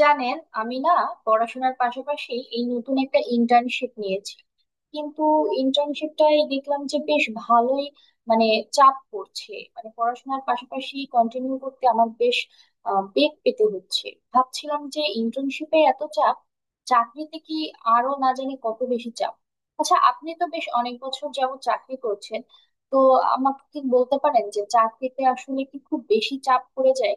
জানেন, আমি না পড়াশোনার পাশাপাশি এই নতুন একটা ইন্টার্নশিপ নিয়েছি, কিন্তু ইন্টার্নশিপটাই দেখলাম যে বেশ ভালোই মানে চাপ পড়ছে, মানে পড়াশোনার পাশাপাশি কন্টিনিউ করতে আমার বেশ বেগ পেতে হচ্ছে। ভাবছিলাম যে ইন্টার্নশিপে এত চাপ, চাকরিতে কি আরো না জানি কত বেশি চাপ। আচ্ছা, আপনি তো বেশ অনেক বছর যাবত চাকরি করছেন, তো আমাকে কি বলতে পারেন যে চাকরিতে আসলে কি খুব বেশি চাপ পড়ে যায়?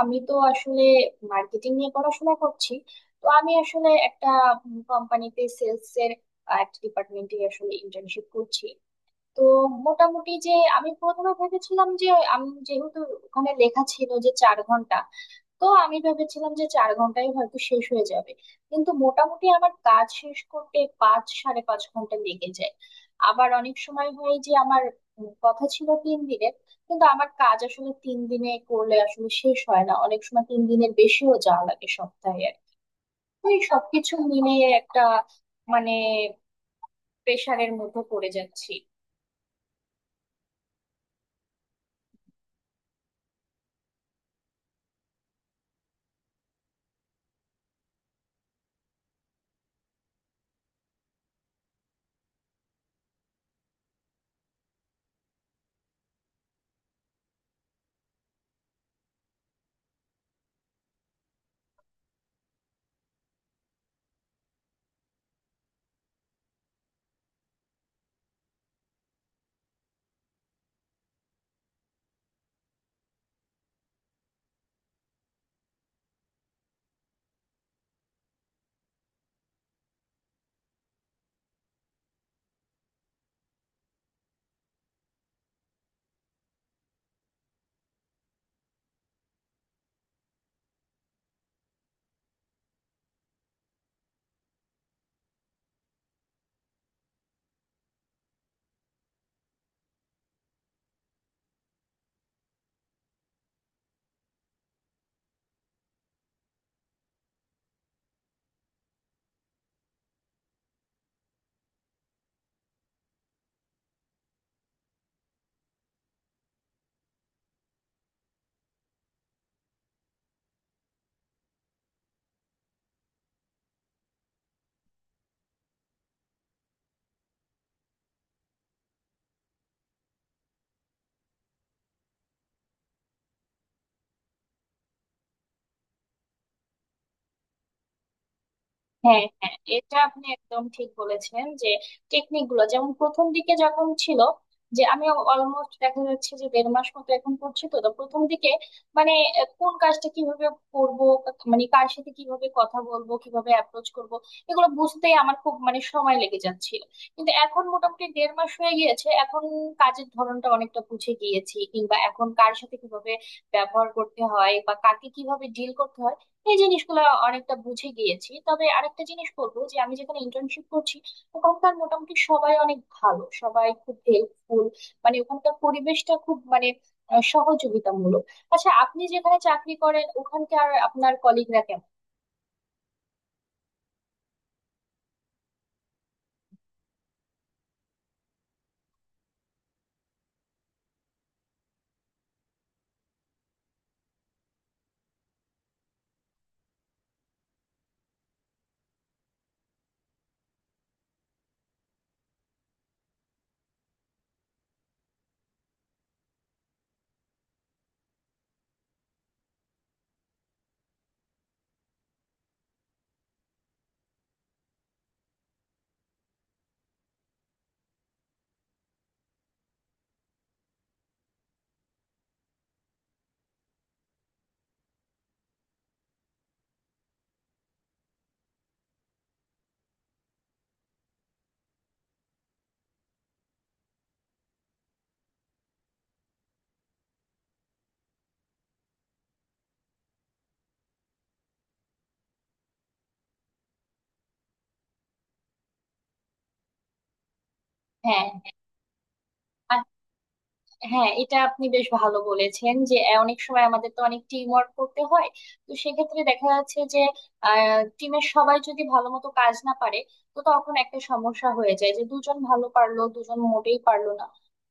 আমি তো আসলে মার্কেটিং নিয়ে পড়াশোনা করছি। তো আমি আসলে একটা কোম্পানিতে সেলস এর একটা ডিপার্টমেন্টে আসলে ইন্টার্নশিপ করছি। তো মোটামুটি যে আমি প্রথমে ভেবেছিলাম যে আমি যেহেতু ওখানে লেখা ছিল যে চার ঘন্টা, তো আমি ভেবেছিলাম যে চার ঘন্টায় হয়তো শেষ হয়ে যাবে। কিন্তু মোটামুটি আমার কাজ শেষ করতে পাঁচ সাড়ে পাঁচ ঘন্টা লেগে যায়। আবার অনেক সময় হয় যে আমার কথা ছিল তিন দিনের, কিন্তু আমার কাজ আসলে তিন দিনে করলে আসলে শেষ হয় না, অনেক সময় তিন দিনের বেশিও যাওয়া লাগে সপ্তাহে আর কি। তো এই সবকিছু মিলিয়ে একটা মানে প্রেশারের মধ্যে পড়ে যাচ্ছি। হ্যাঁ, হ্যাঁ, এটা আপনি একদম ঠিক বলেছেন যে টেকনিক গুলো যেমন প্রথম দিকে যখন ছিল, যে আমি অলমোস্ট দেখা যাচ্ছে যে দেড় মাস মতো এখন করছি, তো তো প্রথম দিকে মানে কোন কাজটা কিভাবে করব, মানে কার সাথে কিভাবে কথা বলবো, কিভাবে অ্যাপ্রোচ করব, এগুলো বুঝতেই আমার খুব মানে সময় লেগে যাচ্ছিল। কিন্তু এখন মোটামুটি দেড় মাস হয়ে গিয়েছে, এখন কাজের ধরনটা অনেকটা বুঝে গিয়েছি, কিংবা এখন কার সাথে কিভাবে ব্যবহার করতে হয় বা কাকে কিভাবে ডিল করতে হয় এই জিনিসগুলো অনেকটা বুঝে গিয়েছি। তবে আরেকটা জিনিস বলবো যে আমি যেখানে ইন্টার্নশিপ করছি ওখানকার মোটামুটি সবাই অনেক ভালো, সবাই খুব হেল্পফুল, মানে ওখানকার পরিবেশটা খুব মানে সহযোগিতামূলক। আচ্ছা, আপনি যেখানে চাকরি করেন ওখানকার আপনার কলিগরা কেমন? হ্যাঁ, হ্যাঁ, এটা আপনি বেশ ভালো বলেছেন যে অনেক সময় আমাদের তো অনেক টিম ওয়ার্ক করতে হয়। তো সেক্ষেত্রে দেখা যাচ্ছে যে টিমের সবাই যদি ভালো মতো কাজ না পারে, তো তখন একটা সমস্যা হয়ে যায় যে দুজন ভালো পারলো দুজন মোটেই পারলো না,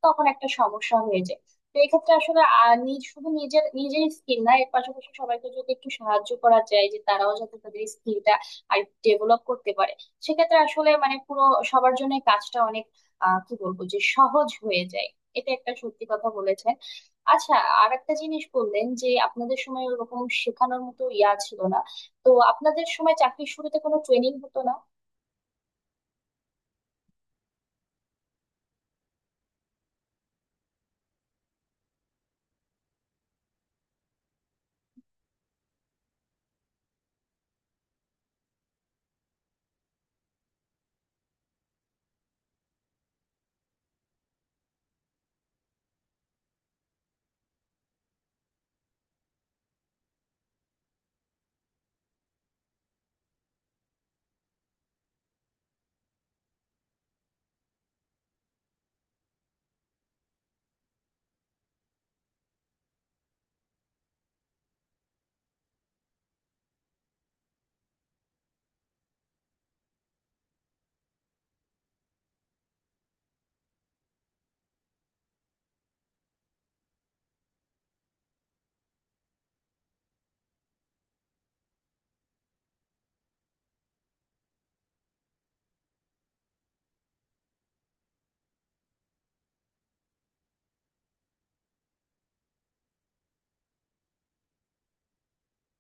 তখন একটা সমস্যা হয়ে যায়। তো এক্ষেত্রে আসলে নিজ শুধু নিজের নিজের স্কিল না, এর পাশাপাশি সবাইকে যদি একটু সাহায্য করা যায় যে তারাও যাতে তাদের স্কিলটা আর ডেভেলপ করতে পারে, সেক্ষেত্রে আসলে মানে পুরো সবার জন্য কাজটা অনেক কি বলবো যে সহজ হয়ে যায়। এটা একটা সত্যি কথা বলেছেন। আচ্ছা, আর একটা জিনিস বললেন যে আপনাদের সময় ওরকম শেখানোর মতো ইয়া ছিল না, তো আপনাদের সময় চাকরির শুরুতে কোনো ট্রেনিং হতো না?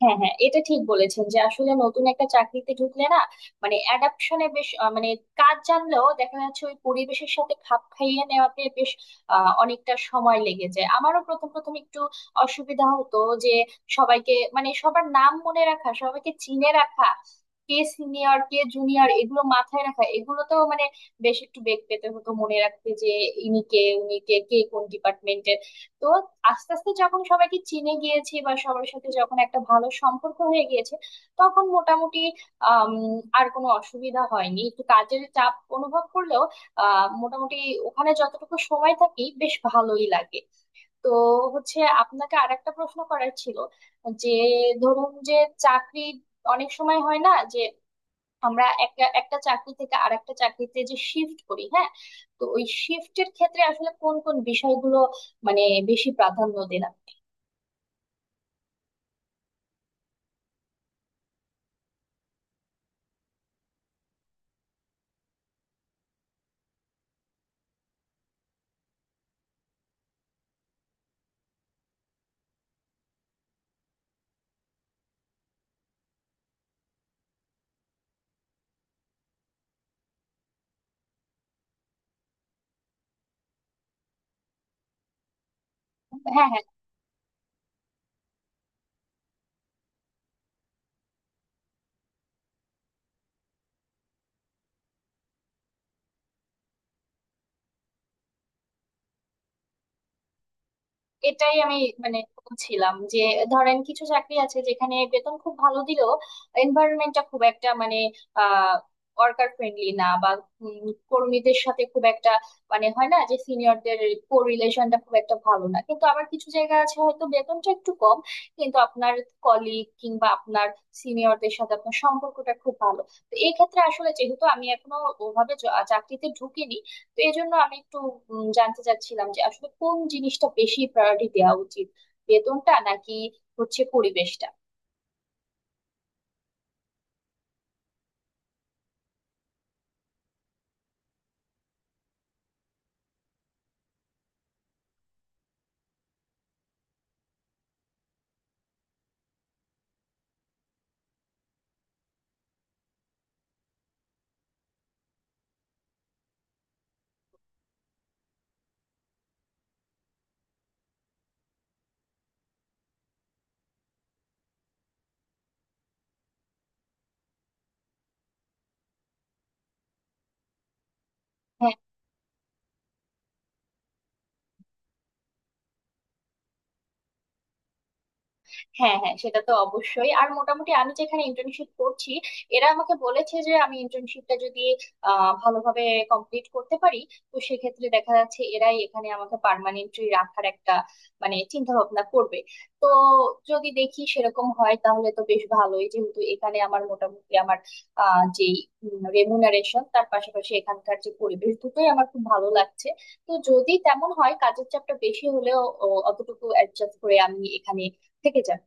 হ্যাঁ, হ্যাঁ, এটা ঠিক বলেছেন যে আসলে নতুন একটা চাকরিতে ঢুকলে না, মানে অ্যাডাপশনে বেশ মানে কাজ জানলেও দেখা যাচ্ছে ওই পরিবেশের সাথে খাপ খাইয়ে নেওয়াতে বেশ অনেকটা সময় লেগে যায়। আমারও প্রথম প্রথম একটু অসুবিধা হতো যে সবাইকে মানে সবার নাম মনে রাখা, সবাইকে চিনে রাখা, কে সিনিয়র কে জুনিয়র এগুলো মাথায় রাখা, এগুলোতেও মানে বেশ একটু বেগ পেতে হতো মনে রাখতে যে ইনি কে উনি কে, কে কোন ডিপার্টমেন্টের। তো আস্তে আস্তে যখন সবাইকে চিনে গিয়েছি বা সবার সাথে যখন একটা ভালো সম্পর্ক হয়ে গিয়েছে, তখন মোটামুটি আম, আর কোনো অসুবিধা হয়নি, একটু কাজের চাপ অনুভব করলেও মোটামুটি ওখানে যতটুকু সময় থাকি বেশ ভালোই লাগে। তো হচ্ছে আপনাকে আর একটা প্রশ্ন করার ছিল, যে ধরুন যে চাকরি অনেক সময় হয় না যে আমরা একটা একটা চাকরি থেকে আরেকটা চাকরিতে যে শিফট করি, হ্যাঁ, তো ওই শিফটের ক্ষেত্রে আসলে কোন কোন বিষয়গুলো মানে বেশি প্রাধান্য দিলাম? হ্যাঁ, হ্যাঁ, এটাই আমি মানে বলছিলাম যে ধরেন কিছু চাকরি আছে যেখানে বেতন খুব ভালো দিলেও এনভায়রনমেন্টটা খুব একটা মানে আহ ওয়ার্কার ফ্রেন্ডলি না, বা কর্মীদের সাথে খুব একটা মানে হয় না যে সিনিয়রদের কো রিলেশনটা খুব একটা ভালো না। কিন্তু আবার কিছু জায়গা আছে হয়তো বেতনটা একটু কম, কিন্তু আপনার কলিগ কিংবা আপনার সিনিয়রদের সাথে আপনার সম্পর্কটা খুব ভালো। তো এই ক্ষেত্রে আসলে যেহেতু আমি এখনো ওভাবে চাকরিতে ঢুকিনি, তো এই জন্য আমি একটু জানতে চাচ্ছিলাম যে আসলে কোন জিনিসটা বেশি প্রায়োরিটি দেওয়া উচিত, বেতনটা নাকি হচ্ছে পরিবেশটা? হ্যাঁ, হ্যাঁ, হ্যাঁ, সেটা তো অবশ্যই। আর মোটামুটি আমি যেখানে ইন্টার্নশিপ করছি এরা আমাকে বলেছে যে আমি ইন্টার্নশিপটা যদি ভালোভাবে কমপ্লিট করতে পারি, তো সেক্ষেত্রে দেখা যাচ্ছে এরাই এখানে আমাকে পার্মানেন্টলি রাখার একটা মানে চিন্তা ভাবনা করবে। তো যদি দেখি সেরকম হয় তাহলে তো বেশ ভালোই, যেহেতু এখানে আমার মোটামুটি আমার যে রেমুনারেশন তার পাশাপাশি এখানকার যে পরিবেশ দুটোই আমার খুব ভালো লাগছে। তো যদি তেমন হয় কাজের চাপটা বেশি হলেও অতটুকু অ্যাডজাস্ট করে আমি এখানে থেকে যাব।